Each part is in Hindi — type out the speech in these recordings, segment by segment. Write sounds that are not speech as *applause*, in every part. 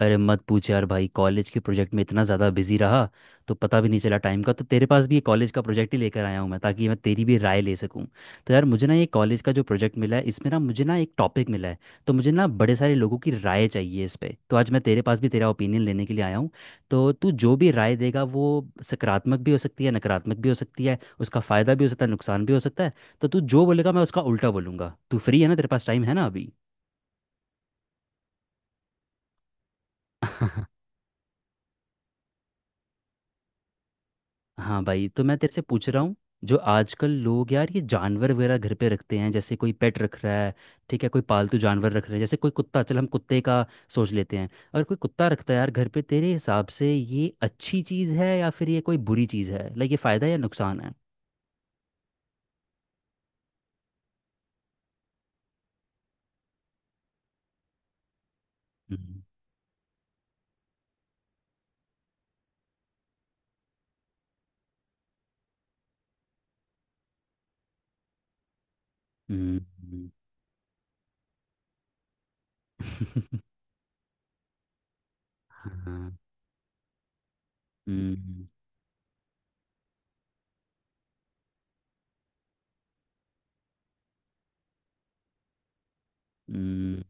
अरे मत पूछ यार भाई। कॉलेज के प्रोजेक्ट में इतना ज़्यादा बिजी रहा तो पता भी नहीं चला टाइम का। तो तेरे पास भी ये कॉलेज का प्रोजेक्ट ही लेकर आया हूँ मैं, ताकि मैं तेरी भी राय ले सकूँ। तो यार मुझे ना ये कॉलेज का जो प्रोजेक्ट मिला है इसमें ना मुझे ना एक टॉपिक मिला है। तो मुझे ना बड़े सारे लोगों की राय चाहिए इस पे, तो आज मैं तेरे पास भी तेरा ओपिनियन लेने के लिए आया हूँ। तो तू जो भी राय देगा वो सकारात्मक भी हो सकती है, नकारात्मक भी हो सकती है, उसका फ़ायदा भी हो सकता है, नुकसान भी हो सकता है। तो तू जो बोलेगा मैं उसका उल्टा बोलूँगा। तू फ्री है ना? तेरे पास टाइम है ना अभी? *laughs* हाँ भाई, तो मैं तेरे से पूछ रहा हूँ। जो आजकल लोग यार ये जानवर वगैरह घर पे रखते हैं, जैसे कोई पेट रख रहा है। ठीक है, कोई पालतू जानवर रख रहा है, जैसे कोई कुत्ता। चल हम कुत्ते का सोच लेते हैं। अगर कोई कुत्ता रखता है यार घर पे, तेरे हिसाब से ये अच्छी चीज़ है या फिर ये कोई बुरी चीज़ है? लाइक ये फ़ायदा है या नुकसान है? हम्म। हम्म। हम्म। *laughs* हाँ। हम्म। हम्म।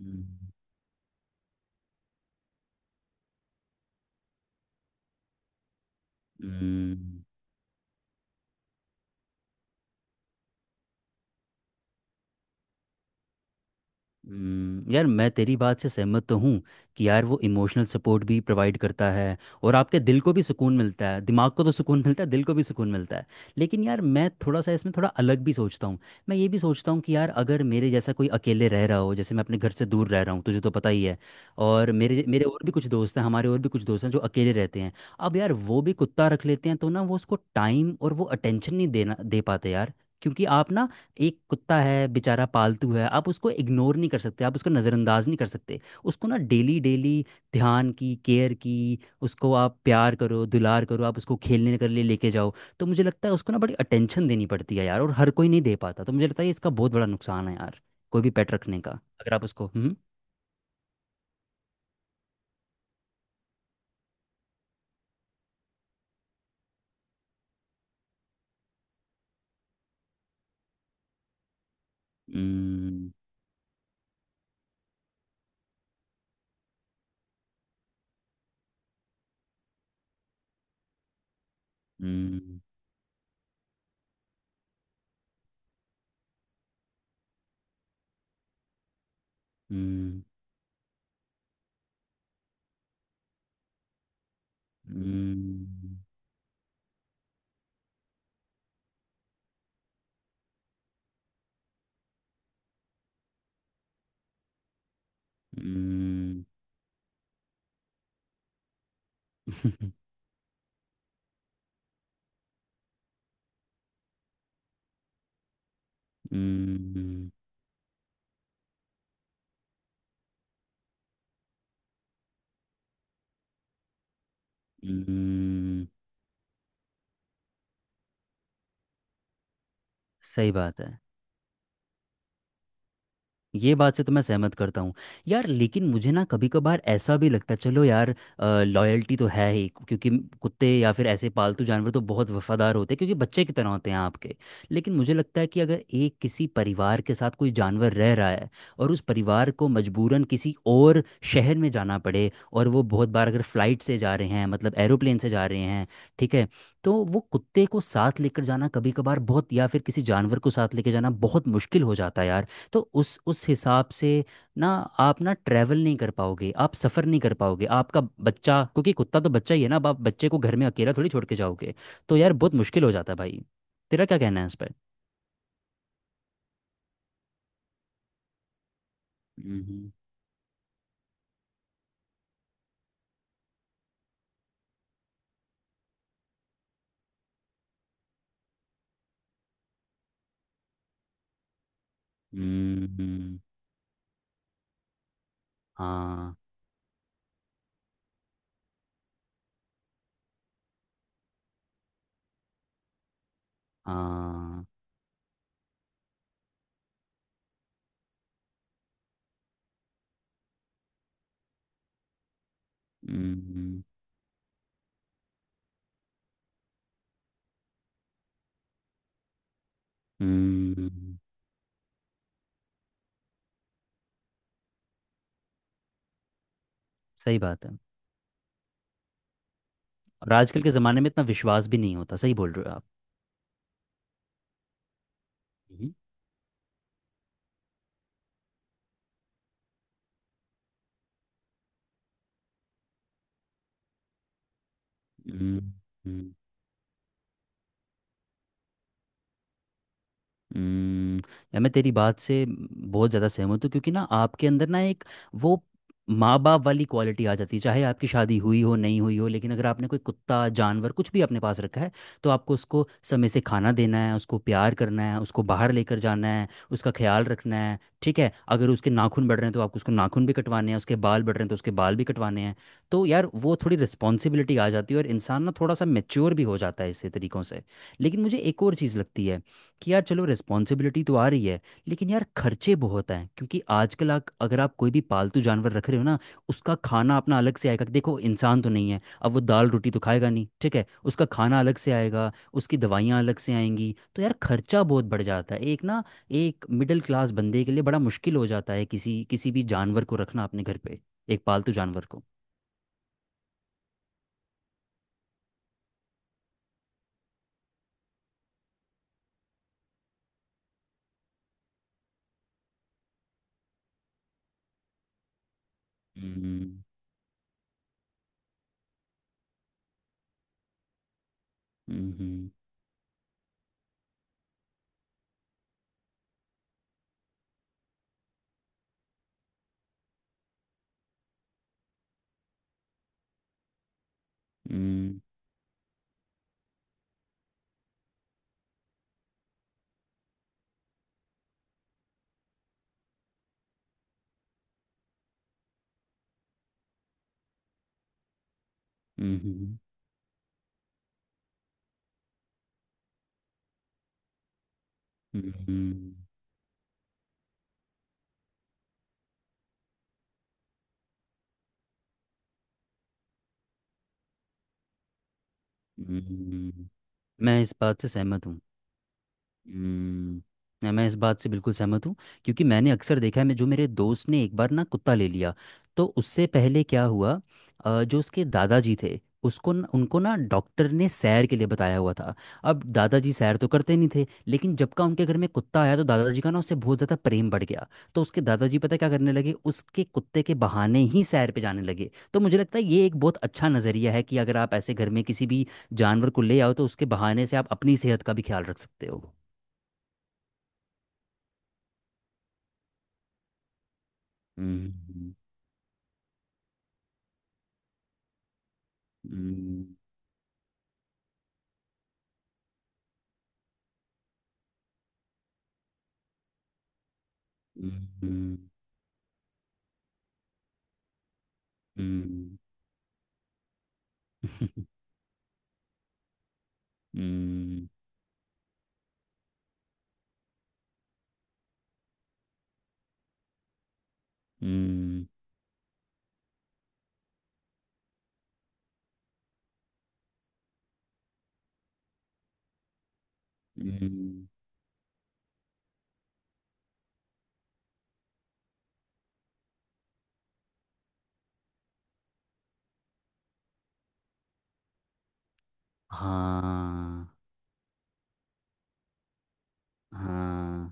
हम्म। हम्म। हम्म। यार मैं तेरी बात से सहमत तो हूँ कि यार वो इमोशनल सपोर्ट भी प्रोवाइड करता है, और आपके दिल को भी सुकून मिलता है, दिमाग को तो सुकून मिलता है, दिल को भी सुकून मिलता है। लेकिन यार मैं थोड़ा सा इसमें थोड़ा अलग भी सोचता हूँ। मैं ये भी सोचता हूँ कि यार अगर मेरे जैसा कोई अकेले रह रहा हो, जैसे मैं अपने घर से दूर रह रहा हूँ, तुझे तो पता ही है। और मेरे मेरे और भी कुछ दोस्त हैं, हमारे और भी कुछ दोस्त हैं जो अकेले रहते हैं। अब यार वो भी कुत्ता रख लेते हैं तो ना वो उसको टाइम और वो अटेंशन नहीं देना दे पाते यार। क्योंकि आप ना, एक कुत्ता है बेचारा, पालतू है, आप उसको इग्नोर नहीं कर सकते, आप उसको नज़रअंदाज नहीं कर सकते। उसको ना डेली डेली ध्यान की, केयर की, उसको आप प्यार करो, दुलार करो, आप उसको खेलने के लिए लेके जाओ। तो मुझे लगता है उसको ना बड़ी अटेंशन देनी पड़ती है यार, और हर कोई नहीं दे पाता। तो मुझे लगता है इसका बहुत बड़ा नुकसान है यार, कोई भी पेट रखने का। अगर आप उसको। हम्म। *laughs* हम्म। हम्म। हम्म। हम्म। हम्म। *laughs* हम्म। हम्म। हम्म। सही बात है। ये बात से तो मैं सहमत करता हूँ। यार लेकिन मुझे ना कभी कभार ऐसा भी लगता है, चलो यार, लॉयल्टी तो है ही, क्योंकि कुत्ते या फिर ऐसे पालतू जानवर तो बहुत वफादार होते हैं, क्योंकि बच्चे की तरह होते हैं आपके। लेकिन मुझे लगता है कि अगर एक किसी परिवार के साथ कोई जानवर रह रहा है, और उस परिवार को मजबूरन किसी और शहर में जाना पड़े, और वो बहुत बार अगर फ्लाइट से जा रहे हैं, मतलब एरोप्लेन से जा रहे हैं, ठीक है, तो वो कुत्ते को साथ लेकर जाना कभी कभार बहुत, या फिर किसी जानवर को साथ लेकर जाना बहुत मुश्किल हो जाता है यार। तो उस हिसाब से ना, आप ना ट्रैवल नहीं कर पाओगे, आप सफ़र नहीं कर पाओगे, आपका बच्चा, क्योंकि कुत्ता तो बच्चा ही है ना, अब आप बच्चे को घर में अकेला थोड़ी छोड़ के जाओगे। तो यार बहुत मुश्किल हो जाता है भाई। तेरा क्या कहना है इस पर? हम्म। हम्म। हाँ। हाँ। हम्म। हम्म। सही बात है। और आजकल के ज़माने में इतना विश्वास भी नहीं होता, सही बोल रहे हो आप। हम्म। हम्म। हम्म। यार मैं तेरी बात से बहुत ज़्यादा सहमत हूँ, क्योंकि ना आपके अंदर ना एक वो माँ बाप वाली क्वालिटी आ जाती है, चाहे आपकी शादी हुई हो नहीं हुई हो, लेकिन अगर आपने कोई कुत्ता जानवर कुछ भी अपने पास रखा है, तो आपको उसको समय से खाना देना है, उसको प्यार करना है, उसको बाहर लेकर जाना है, उसका ख्याल रखना है। ठीक है, अगर उसके नाखून बढ़ रहे हैं तो आपको उसको नाखून भी कटवाने हैं, उसके बाल बढ़ रहे हैं तो उसके बाल भी कटवाने हैं। तो यार वो थोड़ी रिस्पॉन्सिबिलिटी आ जाती है, और इंसान ना थोड़ा सा मेच्योर भी हो जाता है इससे, तरीक़ों से। लेकिन मुझे एक और चीज़ लगती है कि यार चलो रिस्पॉन्सिबिलिटी तो आ रही है, लेकिन यार खर्चे बहुत हैं, क्योंकि आजकल आप अगर आप कोई भी पालतू जानवर रख रहे हो ना, उसका खाना अपना अलग से आएगा, देखो इंसान तो नहीं है अब, वो दाल रोटी तो खाएगा नहीं, ठीक है, उसका खाना अलग से आएगा, उसकी दवाइयाँ अलग से आएंगी, तो यार खर्चा बहुत बढ़ जाता है एक ना। एक मिडिल क्लास बंदे के लिए बड़ा मुश्किल हो जाता है किसी किसी भी जानवर को रखना अपने घर पे, एक पालतू जानवर को। हम्म। हम्म। हम्म। हम्म। हम्म। हम्म। हम्म। मैं इस बात से सहमत हूँ। हम्म, नहीं, मैं इस बात से बिल्कुल सहमत हूँ, क्योंकि मैंने अक्सर देखा है, मैं जो, मेरे दोस्त ने एक बार ना कुत्ता ले लिया, तो उससे पहले क्या हुआ, जो उसके दादाजी थे, उसको न, उनको ना डॉक्टर ने सैर के लिए बताया हुआ था। अब दादाजी सैर तो करते नहीं थे, लेकिन जब का उनके घर में कुत्ता आया तो दादाजी का ना उससे बहुत ज़्यादा प्रेम बढ़ गया। तो उसके दादाजी पता है क्या करने लगे, उसके कुत्ते के बहाने ही सैर पे जाने लगे। तो मुझे लगता है ये एक बहुत अच्छा नज़रिया है कि अगर आप ऐसे घर में किसी भी जानवर को ले आओ, तो उसके बहाने से आप अपनी सेहत का भी ख्याल रख सकते हो। हम्म। हम्म। हम्म। हम्म। हम्म। हम्म। हम्म। हाँ। हाँ।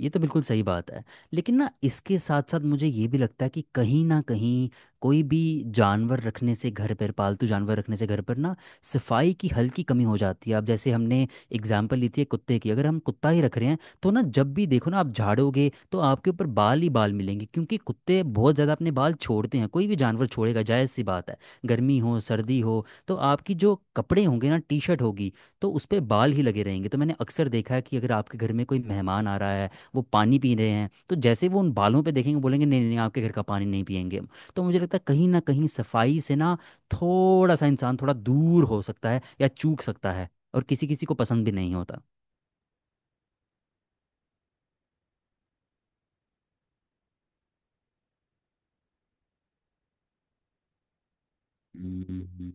ये तो बिल्कुल सही बात है। लेकिन ना इसके साथ साथ मुझे ये भी लगता है कि कहीं ना कहीं, कोई भी जानवर रखने से घर पर, पालतू जानवर रखने से घर पर ना, सफाई की हल्की कमी हो जाती है। अब जैसे हमने एग्जाम्पल ली थी एक कुत्ते की, अगर हम कुत्ता ही रख रहे हैं तो ना, जब भी देखो ना आप झाड़ोगे तो आपके ऊपर बाल ही बाल मिलेंगे, क्योंकि कुत्ते बहुत ज़्यादा अपने बाल छोड़ते हैं, कोई भी जानवर छोड़ेगा, जायज़ सी बात है। गर्मी हो सर्दी हो तो आपकी जो कपड़े होंगे ना, टी शर्ट होगी, तो उस पर बाल ही लगे रहेंगे। तो मैंने अक्सर देखा है कि अगर आपके घर में कोई मेहमान आ रहा है, वो पानी पी रहे हैं, तो जैसे वो उन बालों पे देखेंगे, बोलेंगे, नहीं नहीं आपके घर का पानी नहीं पियेंगे हम। तो मुझे लगता है कहीं ना कहीं सफाई से ना थोड़ा सा इंसान थोड़ा दूर हो सकता है या चूक सकता है। और किसी किसी को पसंद भी नहीं होता। हम्म।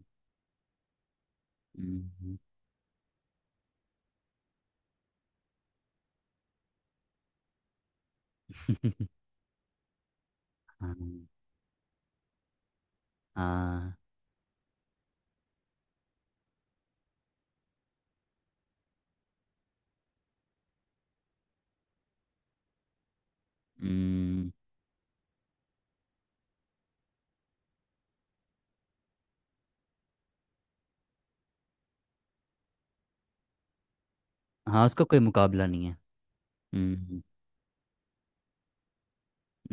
हम्म। हम्म। *laughs* हाँ। हाँ। हम्म। हाँ, उसका कोई मुकाबला नहीं है। हम्म।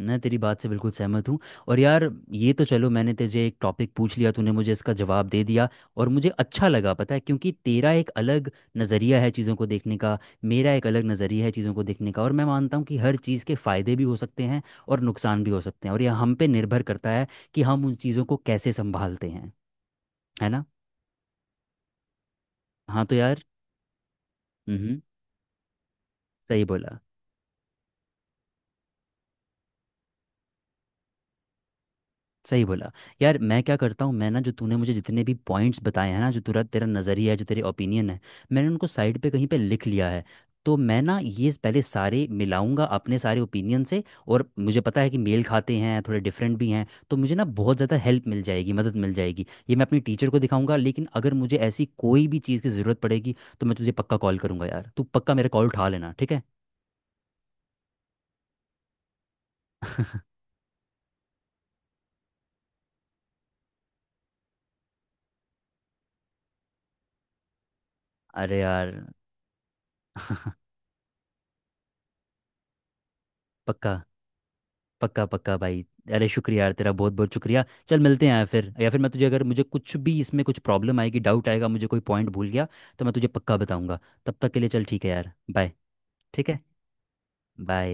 मैं तेरी बात से बिल्कुल सहमत हूँ। और यार ये तो चलो, मैंने तुझे एक टॉपिक पूछ लिया, तूने मुझे इसका जवाब दे दिया, और मुझे अच्छा लगा पता है, क्योंकि तेरा एक अलग नज़रिया है चीज़ों को देखने का, मेरा एक अलग नज़रिया है चीज़ों को देखने का। और मैं मानता हूँ कि हर चीज़ के फ़ायदे भी हो सकते हैं और नुकसान भी हो सकते हैं, और यह हम पे निर्भर करता है कि हम उन चीज़ों को कैसे संभालते हैं। है ना? हाँ, तो यार। हम्म। सही बोला। सही बोला। यार मैं क्या करता हूँ, मैं ना जो तूने मुझे जितने भी पॉइंट्स बताए हैं ना, जो तेरा तेरा नज़रिया है, जो तेरे ओपिनियन है, मैंने उनको साइड पे कहीं पे लिख लिया है। तो मैं ना ये पहले सारे मिलाऊंगा अपने सारे ओपिनियन से। और मुझे पता है कि मेल खाते हैं, थोड़े डिफरेंट भी हैं, तो मुझे ना बहुत ज़्यादा हेल्प मिल जाएगी, मदद मिल जाएगी। ये मैं अपनी टीचर को दिखाऊंगा। लेकिन अगर मुझे ऐसी कोई भी चीज़ की ज़रूरत पड़ेगी तो मैं तुझे पक्का कॉल करूंगा यार, तू पक्का मेरा कॉल उठा लेना, ठीक है? अरे यार। *laughs* पक्का। पक्का पक्का भाई। अरे शुक्रिया यार, तेरा बहुत बहुत शुक्रिया। चल मिलते हैं यार फिर, या फिर मैं तुझे, अगर मुझे कुछ भी इसमें कुछ प्रॉब्लम आएगी, डाउट आएगा, मुझे कोई पॉइंट भूल गया, तो मैं तुझे पक्का बताऊंगा। तब तक के लिए चल, ठीक है यार, बाय। ठीक है। बाय।